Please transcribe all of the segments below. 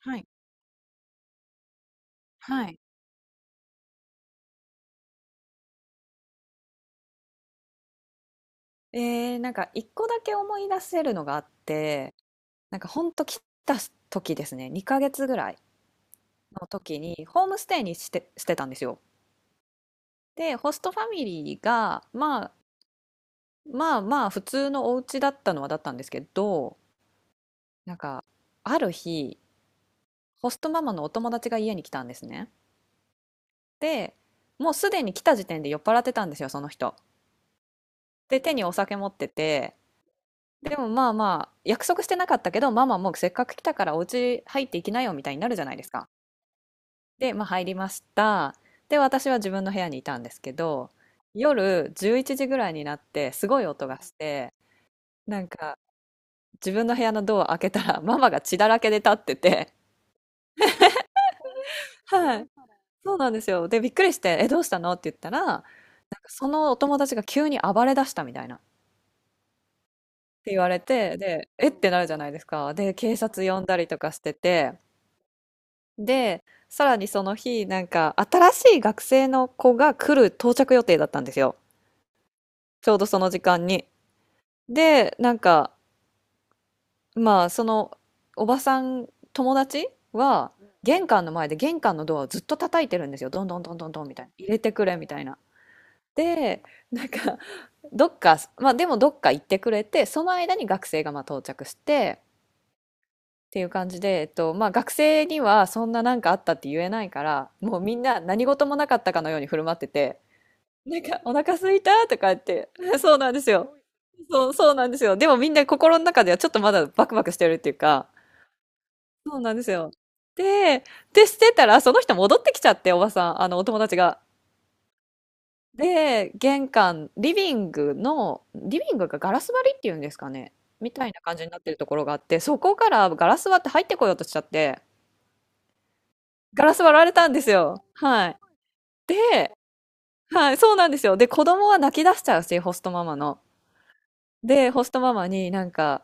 はい。はい。なんか1個だけ思い出せるのがあって、なんかほんと来た時ですね、2ヶ月ぐらいの時にホームステイにしてたんですよ。で、ホストファミリーが、まあ、まあまあ普通のお家だったのはだったんですけど、なんかある日、ホストママのお友達が家に来たんですね。で、もうすでに来た時点で酔っ払ってたんですよ、その人。で、手にお酒持ってて、でもまあまあ、約束してなかったけど、ママもうせっかく来たからお家入っていきなよみたいになるじゃないですか。で、まあ入りました。で、私は自分の部屋にいたんですけど、夜11時ぐらいになってすごい音がして、なんか自分の部屋のドアを開けたらママが血だらけで立ってて、はい、そうなんですよ。で、びっくりして、え、どうしたのって言ったら、なんかそのお友達が急に暴れ出したみたいな。って言われて、で、えってなるじゃないですか。で、警察呼んだりとかしてて、で、さらにその日、なんか、新しい学生の子が来る到着予定だったんですよ。ちょうどその時間に。で、なんか、まあ、その、おばさん、友達は、玄関の前で玄関のドアをずっと叩いてるんですよ。どんどんどんどんどんみたいな。入れてくれみたいな。で、なんか、どっか、まあでもどっか行ってくれて、その間に学生がまあ到着して、っていう感じで、えっと、まあ学生にはそんななんかあったって言えないから、もうみんな何事もなかったかのように振る舞ってて、なんか、お腹空いたとか言って。そうなんですよ。そう、そうなんですよ。でもみんな心の中ではちょっとまだバクバクしてるっていうか、そうなんですよ。で、で、してたら、その人戻ってきちゃって、おばさん、あの、お友達が。で、玄関、リビングの、リビングがガラス張りっていうんですかね。みたいな感じになってるところがあって、そこからガラス割って入ってこようとしちゃって、ガラス割られたんですよ。はい。で、はい、そうなんですよ。で、子供は泣き出しちゃうし、ホストママの。で、ホストママになんか、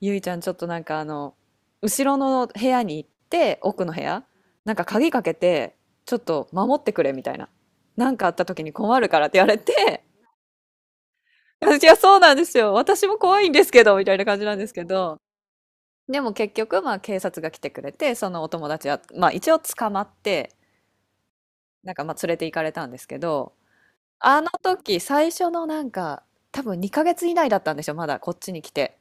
ゆいちゃんちょっとなんかあの、後ろの部屋に行って、奥の部屋、なんか鍵かけて、ちょっと守ってくれみたいな。なんかあった時に困るからって言われて、私はそうなんですよ。私も怖いんですけど、みたいな感じなんですけど。でも結局、まあ警察が来てくれて、そのお友達は、まあ一応捕まって、なんかまあ連れて行かれたんですけど、あの時最初のなんか、多分2ヶ月以内だったんですよ、まだこっちに来て。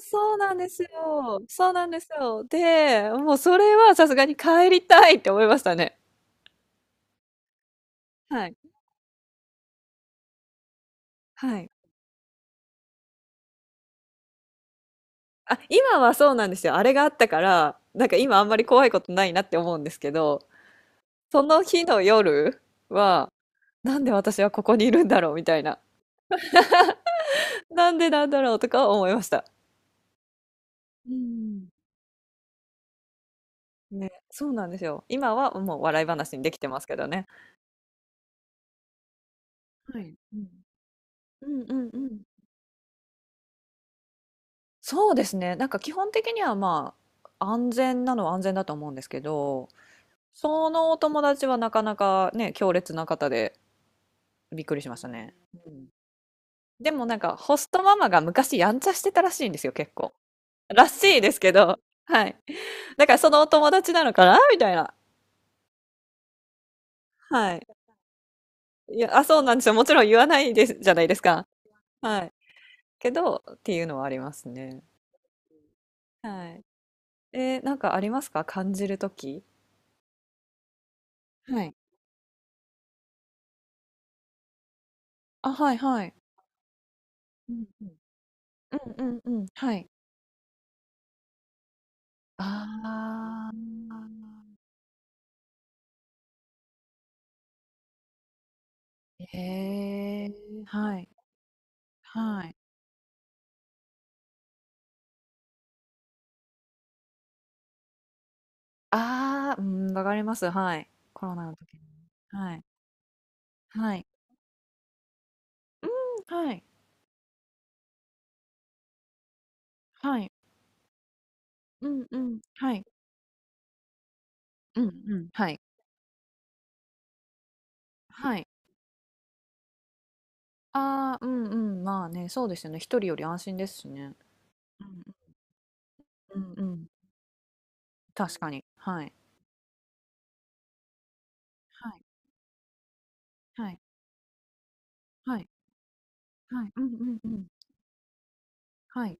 そうなんですよ。そうなんですよ。で、もうそれはさすがに帰りたいって思いましたね。はい。はい。あ、今はそうなんですよ。あれがあったから、なんか今あんまり怖いことないなって思うんですけど、その日の夜は、なんで私はここにいるんだろうみたいな。なんでなんだろうとかは思いました。うん。ね、そうなんですよ。今はもう笑い話にできてますけどね。はい。うん。うんうんうん。そうですね。なんか基本的にはまあ安全なのは安全だと思うんですけど、そのお友達はなかなかね、強烈な方でびっくりしましたね。うん。でもなんかホストママが昔やんちゃしてたらしいんですよ、結構。らしいですけど、はい。だからそのお友達なのかなみたいな。はい。いや、あ、そうなんですよ。もちろん言わないです、じゃないですか。はい。けど、っていうのはありますね。はい。なんかありますか感じるとき。はい。あ、はいはい。うんうんうんうんうん、はい。ああ。へえ、はい、はい。ああ、うん、わかります、はい。コロナの時に。はい、はい。うん、はい、はい。うんうん、はい。うんうん、はい、はい。ああ、うんうん、まあね、そうですよね、一人より安心ですしね。うんうん、確かに。はい、はい、はい、はい、はい。うんうんうん。はい、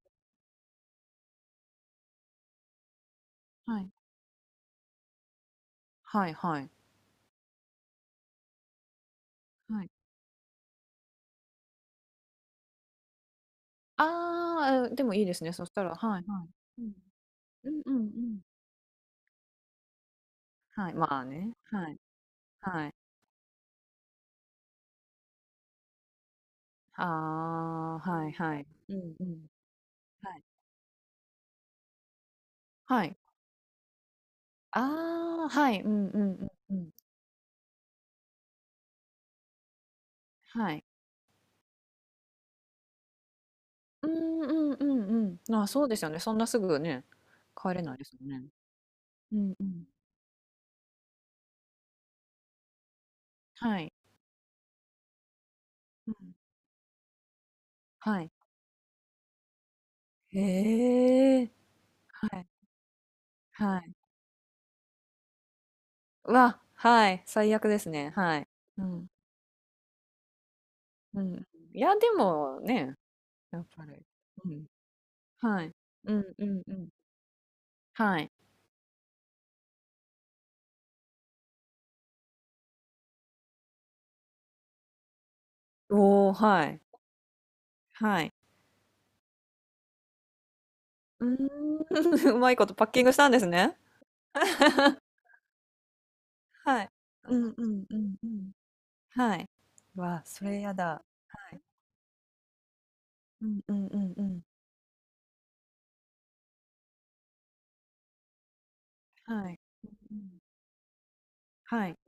はい、はいはい、はい。ああ、でもいいですね、そしたらはいはい。うん。うんうんうん。はい、まあね、はい、はい。ああ、はいはい。うんうん。はい。はい。ああ、はい、うんうんうんうん。はい。うんうんうんうん。あ、そうですよね。そんなすぐね、帰れないですよね。うんうん。はい。うん。はい。へえ。はい、はい。うわ、はい、最悪ですね。はい。うん、うん。いや、でもね、やっぱり。うん。はい。うんうんうん。はい。おお、はい。はい。うーん。うまいことパッキングしたんですね。はい。うんうんうんうん。はい。わあ、それやだ。うんうんうんうん。はい。うん。はい。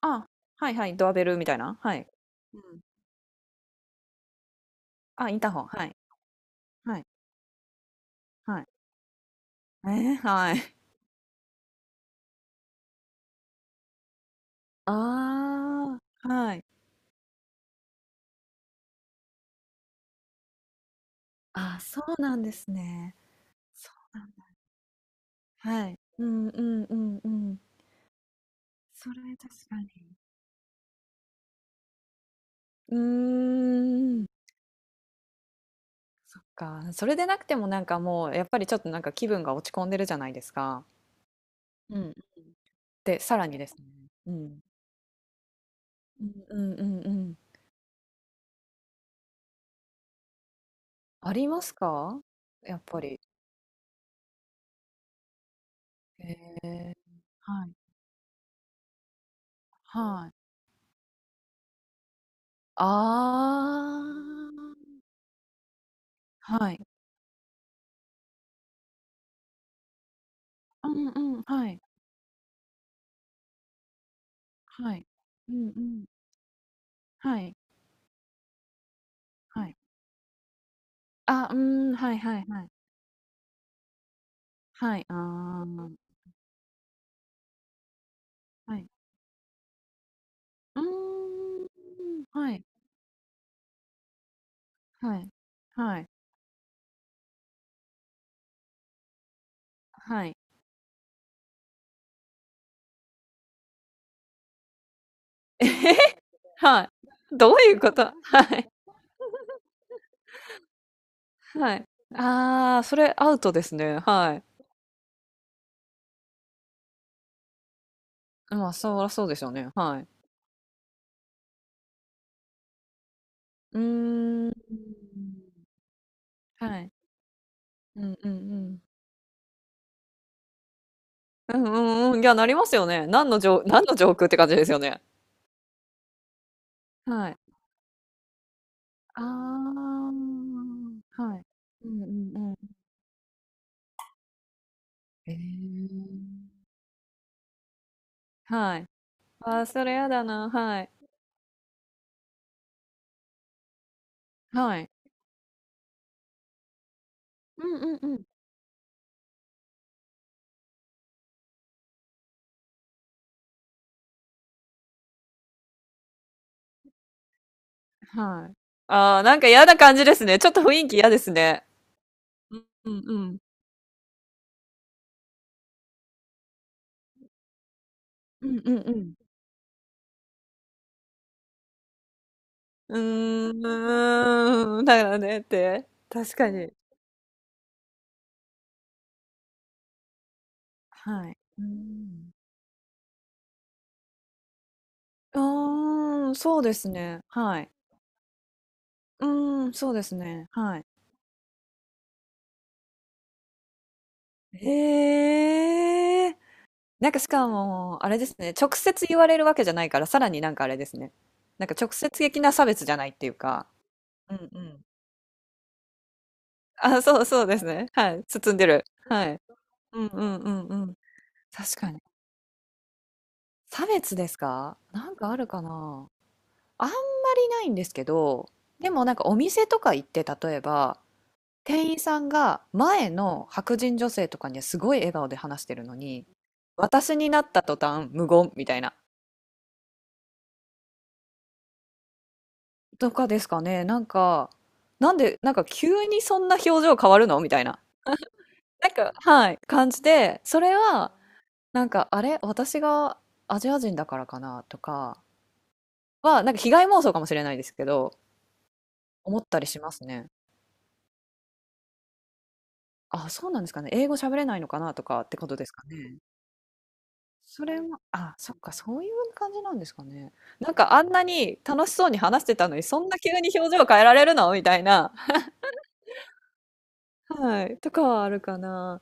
あ、はいはい、ドアベルみたいな？はい。うん。あ、インターホン、はい。はい。はい。はい。ああ、はい。あ、そうなんですね。そうなんだ。はい。うんうんうんうん。それ確かに。うーん。そっか、それでなくてもなんかもうやっぱりちょっとなんか気分が落ち込んでるじゃないですか。うん。で、さらにですね。うん。うんうんうんうん。ありますか？やっぱり。へえ。はい、はい。ああ、はい。うんうん、はい、はい。うんうん、はい、はい。あ、うーん、はいはいはい。はい、ああ、はい。うーん、はい、はい、はい、はい。えへへ。はい。どういうこと？はい。はい。ああ、それアウトですね。はい。まあ、そらそうでしょうね。はい。うーん。はい。うんうんうん。うんうんうん。いや、なりますよね。何の上何の上空って感じですよね。はい。ああ、はい。うんうんうん。ええ。はい。ああ、それやだな、はい。はい。うんうんうん。はい。ああ、なんか嫌な感じですね。ちょっと雰囲気嫌ですね。うんうん。うんうんうん。うーん、だよねって。確かに。はい。うん。うーん、そうですね。はい。うーん、そうですね。はい。へえ。なんかしかも、あれですね、直接言われるわけじゃないから、さらになんかあれですね。なんか直接的な差別じゃないっていうか。うんうん。あ、そうそうですね。はい。包んでる。はい。うんうんうんうん。確かに。差別ですかなんかあるかなあんまりないんですけど、でもなんかお店とか行って例えば店員さんが前の白人女性とかにはすごい笑顔で話してるのに、私になった途端無言みたいな。とかですかね。なんか、なんで、なんか急にそんな表情変わるのみたいな。なんか、はい、感じで、それは、なんか、あれ私がアジア人だからかなとかは、なんか被害妄想かもしれないですけど、思ったりしますね。あ、そうなんですかね。英語喋れないのかなとかってことですかね。それも、あ、そっか、そういう感じなんですかね。なんかあんなに楽しそうに話してたのに、そんな急に表情変えられるのみたいな。はい。とかはあるかな。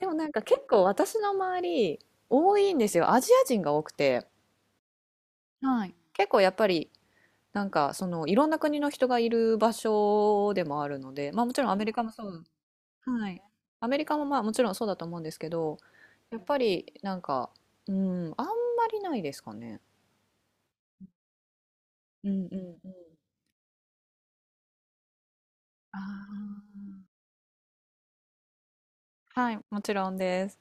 でもなんか結構私の周り、多いんですよ。アジア人が多くて。はい。結構やっぱり、なんかそのいろんな国の人がいる場所でもあるので、まあもちろんアメリカもそう。はい。アメリカもまあもちろんそうだと思うんですけど、やっぱりなんか、うん、あんまりないですかね。うんうんうん。ああ、はい、もちろんです。